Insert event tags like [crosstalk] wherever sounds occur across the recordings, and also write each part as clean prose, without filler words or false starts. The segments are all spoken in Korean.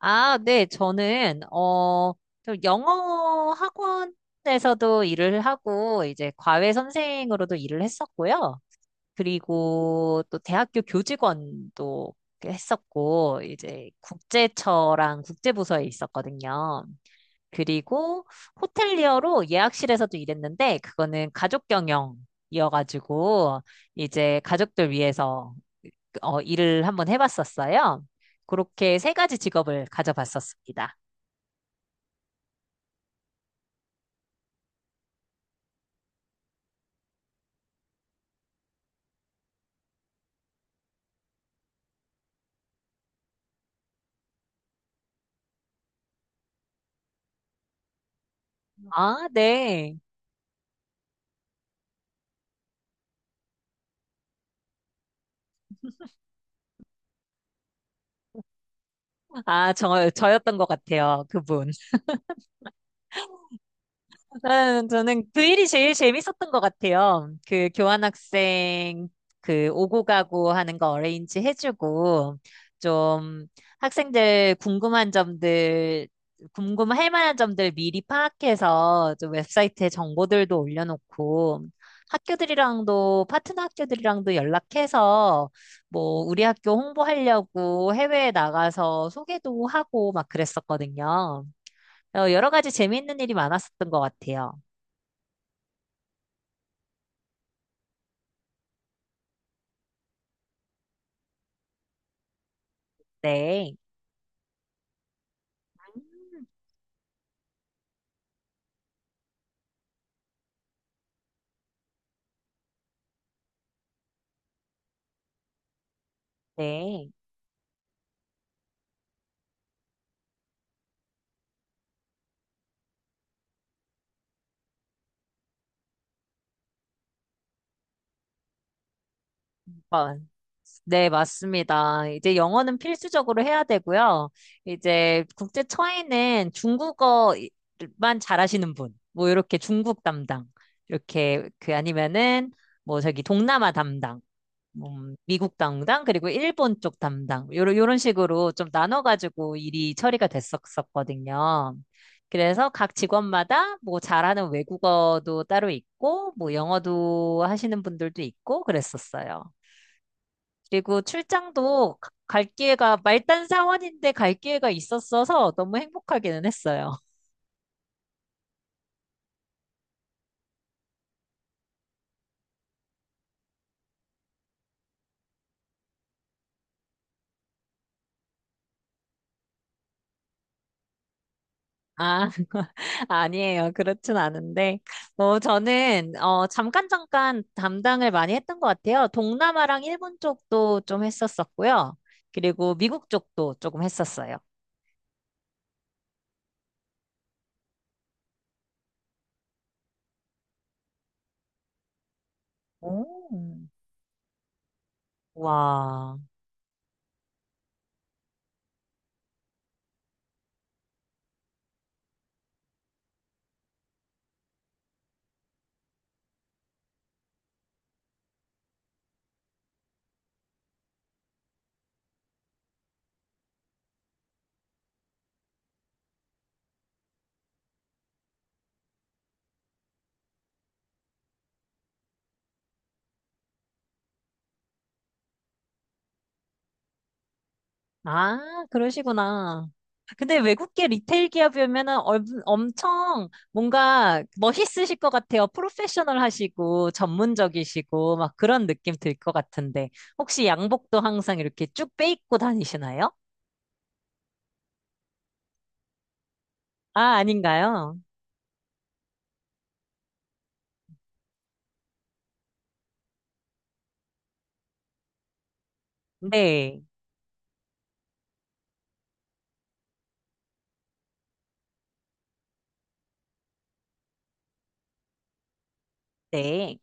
아, 네, 저는, 좀 영어 학원에서도 일을 하고, 이제 과외 선생으로도 일을 했었고요. 그리고 또 대학교 교직원도 했었고, 이제 국제처랑 국제부서에 있었거든요. 그리고 호텔리어로 예약실에서도 일했는데, 그거는 가족 경영이어가지고, 이제 가족들 위해서 일을 한번 해봤었어요. 그렇게 세 가지 직업을 가져봤었습니다. 아, 네. 아, 저였던 것 같아요. 그분. 저는 그 일이 제일 재밌었던 것 같아요. 그 교환학생 그 오고 가고 하는 거 어레인지 해주고 좀 학생들 궁금한 점들 궁금할 만한 점들 미리 파악해서 좀 웹사이트에 정보들도 올려놓고 학교들이랑도 파트너 학교들이랑도 연락해서 뭐 우리 학교 홍보하려고 해외에 나가서 소개도 하고 막 그랬었거든요. 여러 가지 재미있는 일이 많았었던 것 같아요. 네, 음. 네. 마- 네, 맞습니다. 이제 영어는 필수적으로 해야 되고요. 이제 국제 처에는 중국어만 잘하시는 분, 뭐 이렇게 중국 담당, 이렇게 그 아니면은 뭐 저기 동남아 담당, 미국 담당 그리고 일본 쪽 담당 요런 요런 식으로 좀 나눠가지고 일이 처리가 됐었었거든요. 그래서 각 직원마다 뭐 잘하는 외국어도 따로 있고 뭐 영어도 하시는 분들도 있고 그랬었어요. 그리고 출장도 갈 기회가 말단 사원인데 갈 기회가 있었어서 너무 행복하기는 했어요. 아, [laughs] 아니에요. 그렇진 않은데. 뭐, 저는, 잠깐 담당을 많이 했던 것 같아요. 동남아랑 일본 쪽도 좀 했었었고요. 그리고 미국 쪽도 조금 했었어요. 오. 와. 아, 그러시구나. 아, 근데 외국계 리테일 기업이면은 엄청 뭔가 멋있으실 것 같아요. 프로페셔널 하시고, 전문적이시고, 막 그런 느낌 들 것 같은데. 혹시 양복도 항상 이렇게 쭉 빼입고 다니시나요? 아, 아닌가요? 네, 네.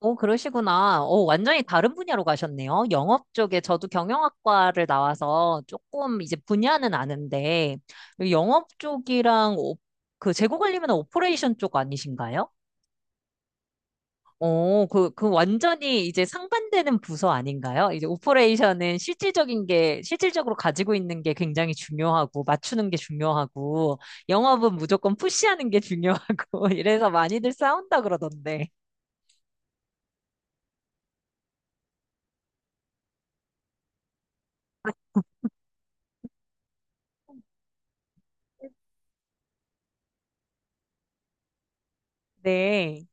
오, 그러시구나. 오, 완전히 다른 분야로 가셨네요. 영업 쪽에 저도 경영학과를 나와서 조금 이제 분야는 아는데, 영업 쪽이랑 그 재고 관리면 오퍼레이션 쪽 아니신가요? 오, 그 완전히 이제 상반되는 부서 아닌가요? 이제 오퍼레이션은 실질적인 게, 실질적으로 가지고 있는 게 굉장히 중요하고, 맞추는 게 중요하고, 영업은 무조건 푸시하는 게 중요하고, [laughs] 이래서 많이들 싸운다 그러던데. 네.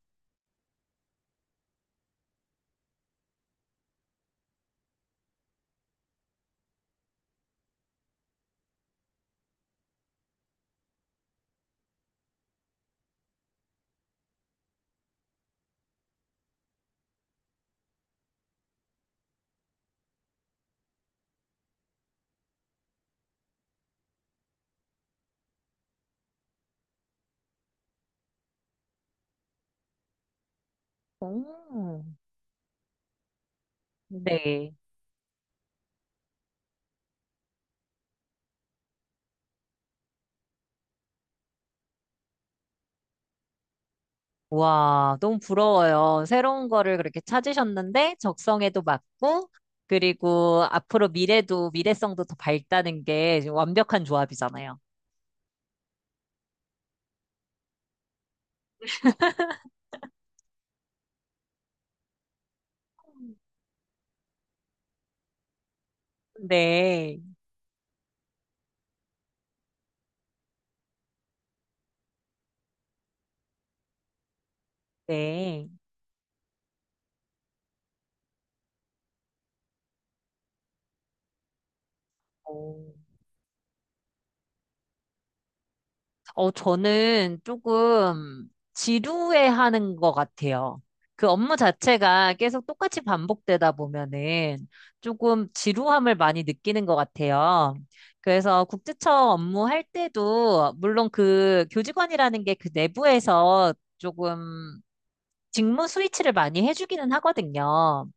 오. 네. 와, 너무 부러워요. 새로운 거를 그렇게 찾으셨는데 적성에도 맞고 그리고 앞으로 미래도 미래성도 더 밝다는 게 지금 완벽한 조합이잖아요. 네. 네. 오. 저는 조금 지루해하는 것 같아요. 그 업무 자체가 계속 똑같이 반복되다 보면은 조금 지루함을 많이 느끼는 것 같아요. 그래서 국제청 업무할 때도 물론 그 교직원이라는 게 그 내부에서 조금 직무 스위치를 많이 해주기는 하거든요.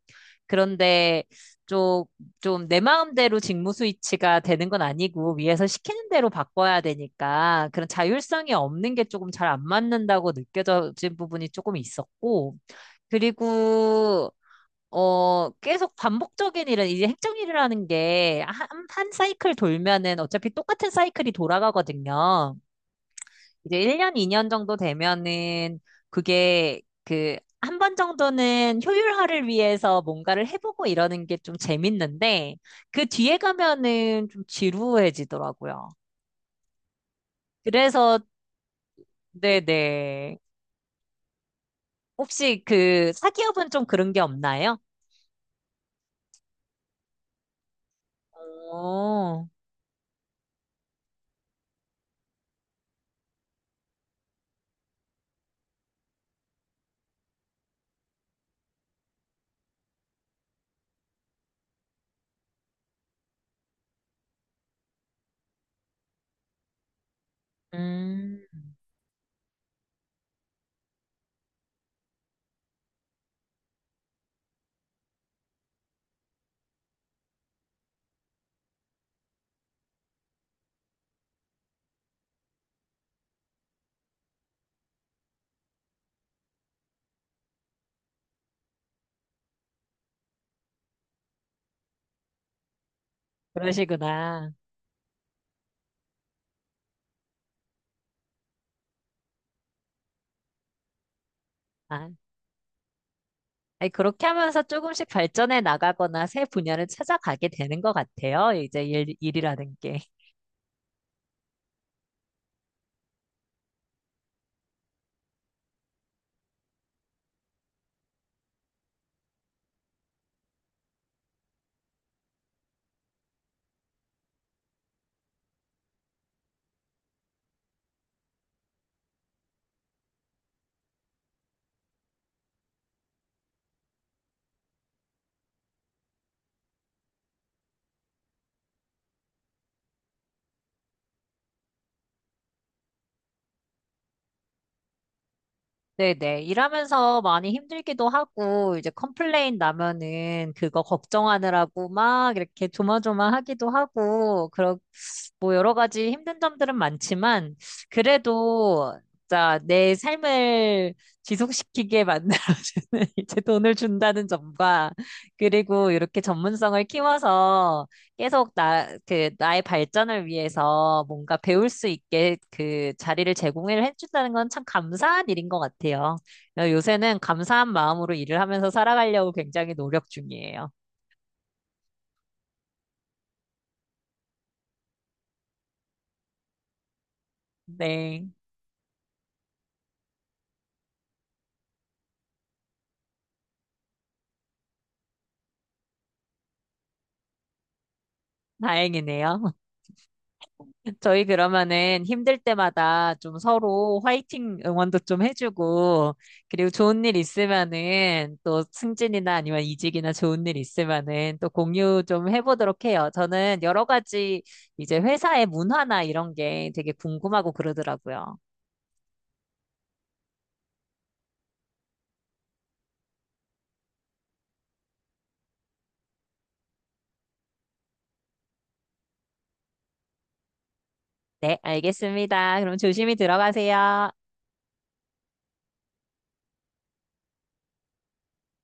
그런데 좀, 좀 내 마음대로 직무 스위치가 되는 건 아니고 위에서 시키는 대로 바꿔야 되니까 그런 자율성이 없는 게 조금 잘 안 맞는다고 느껴진 부분이 조금 있었고 그리고 계속 반복적인 일은, 이제 행정일이라는 게, 한 사이클 돌면은 어차피 똑같은 사이클이 돌아가거든요. 이제 1년, 2년 정도 되면은 그게 그 한 번 정도는 효율화를 위해서 뭔가를 해보고 이러는 게 좀 재밌는데 그 뒤에 가면은 좀 지루해지더라고요. 그래서 네네. 혹시 그 사기업은 좀 그런 게 없나요? 오, 음, 그러시구나. 아, 아니, 그렇게 하면서 조금씩 발전해 나가거나 새 분야를 찾아가게 되는 것 같아요. 이제 일이라는 게. 네네. 일하면서 많이 힘들기도 하고, 이제 컴플레인 나면은 그거 걱정하느라고 막 이렇게 조마조마 하기도 하고, 그런 뭐 여러 가지 힘든 점들은 많지만, 그래도 자 내 삶을 지속시키게 만들어주는 [laughs] 이제 돈을 준다는 점과, 그리고 이렇게 전문성을 키워서 계속 나의 발전을 위해서 뭔가 배울 수 있게 그 자리를 제공을 해준다는 건 참 감사한 일인 것 같아요. 요새는 감사한 마음으로 일을 하면서 살아가려고 굉장히 노력 중이에요. 네, 다행이네요. 저희 그러면은 힘들 때마다 좀 서로 화이팅 응원도 좀 해주고, 그리고 좋은 일 있으면은 또 승진이나 아니면 이직이나 좋은 일 있으면은 또 공유 좀 해보도록 해요. 저는 여러 가지 이제 회사의 문화나 이런 게 되게 궁금하고 그러더라고요. 네, 알겠습니다. 그럼 조심히 들어가세요.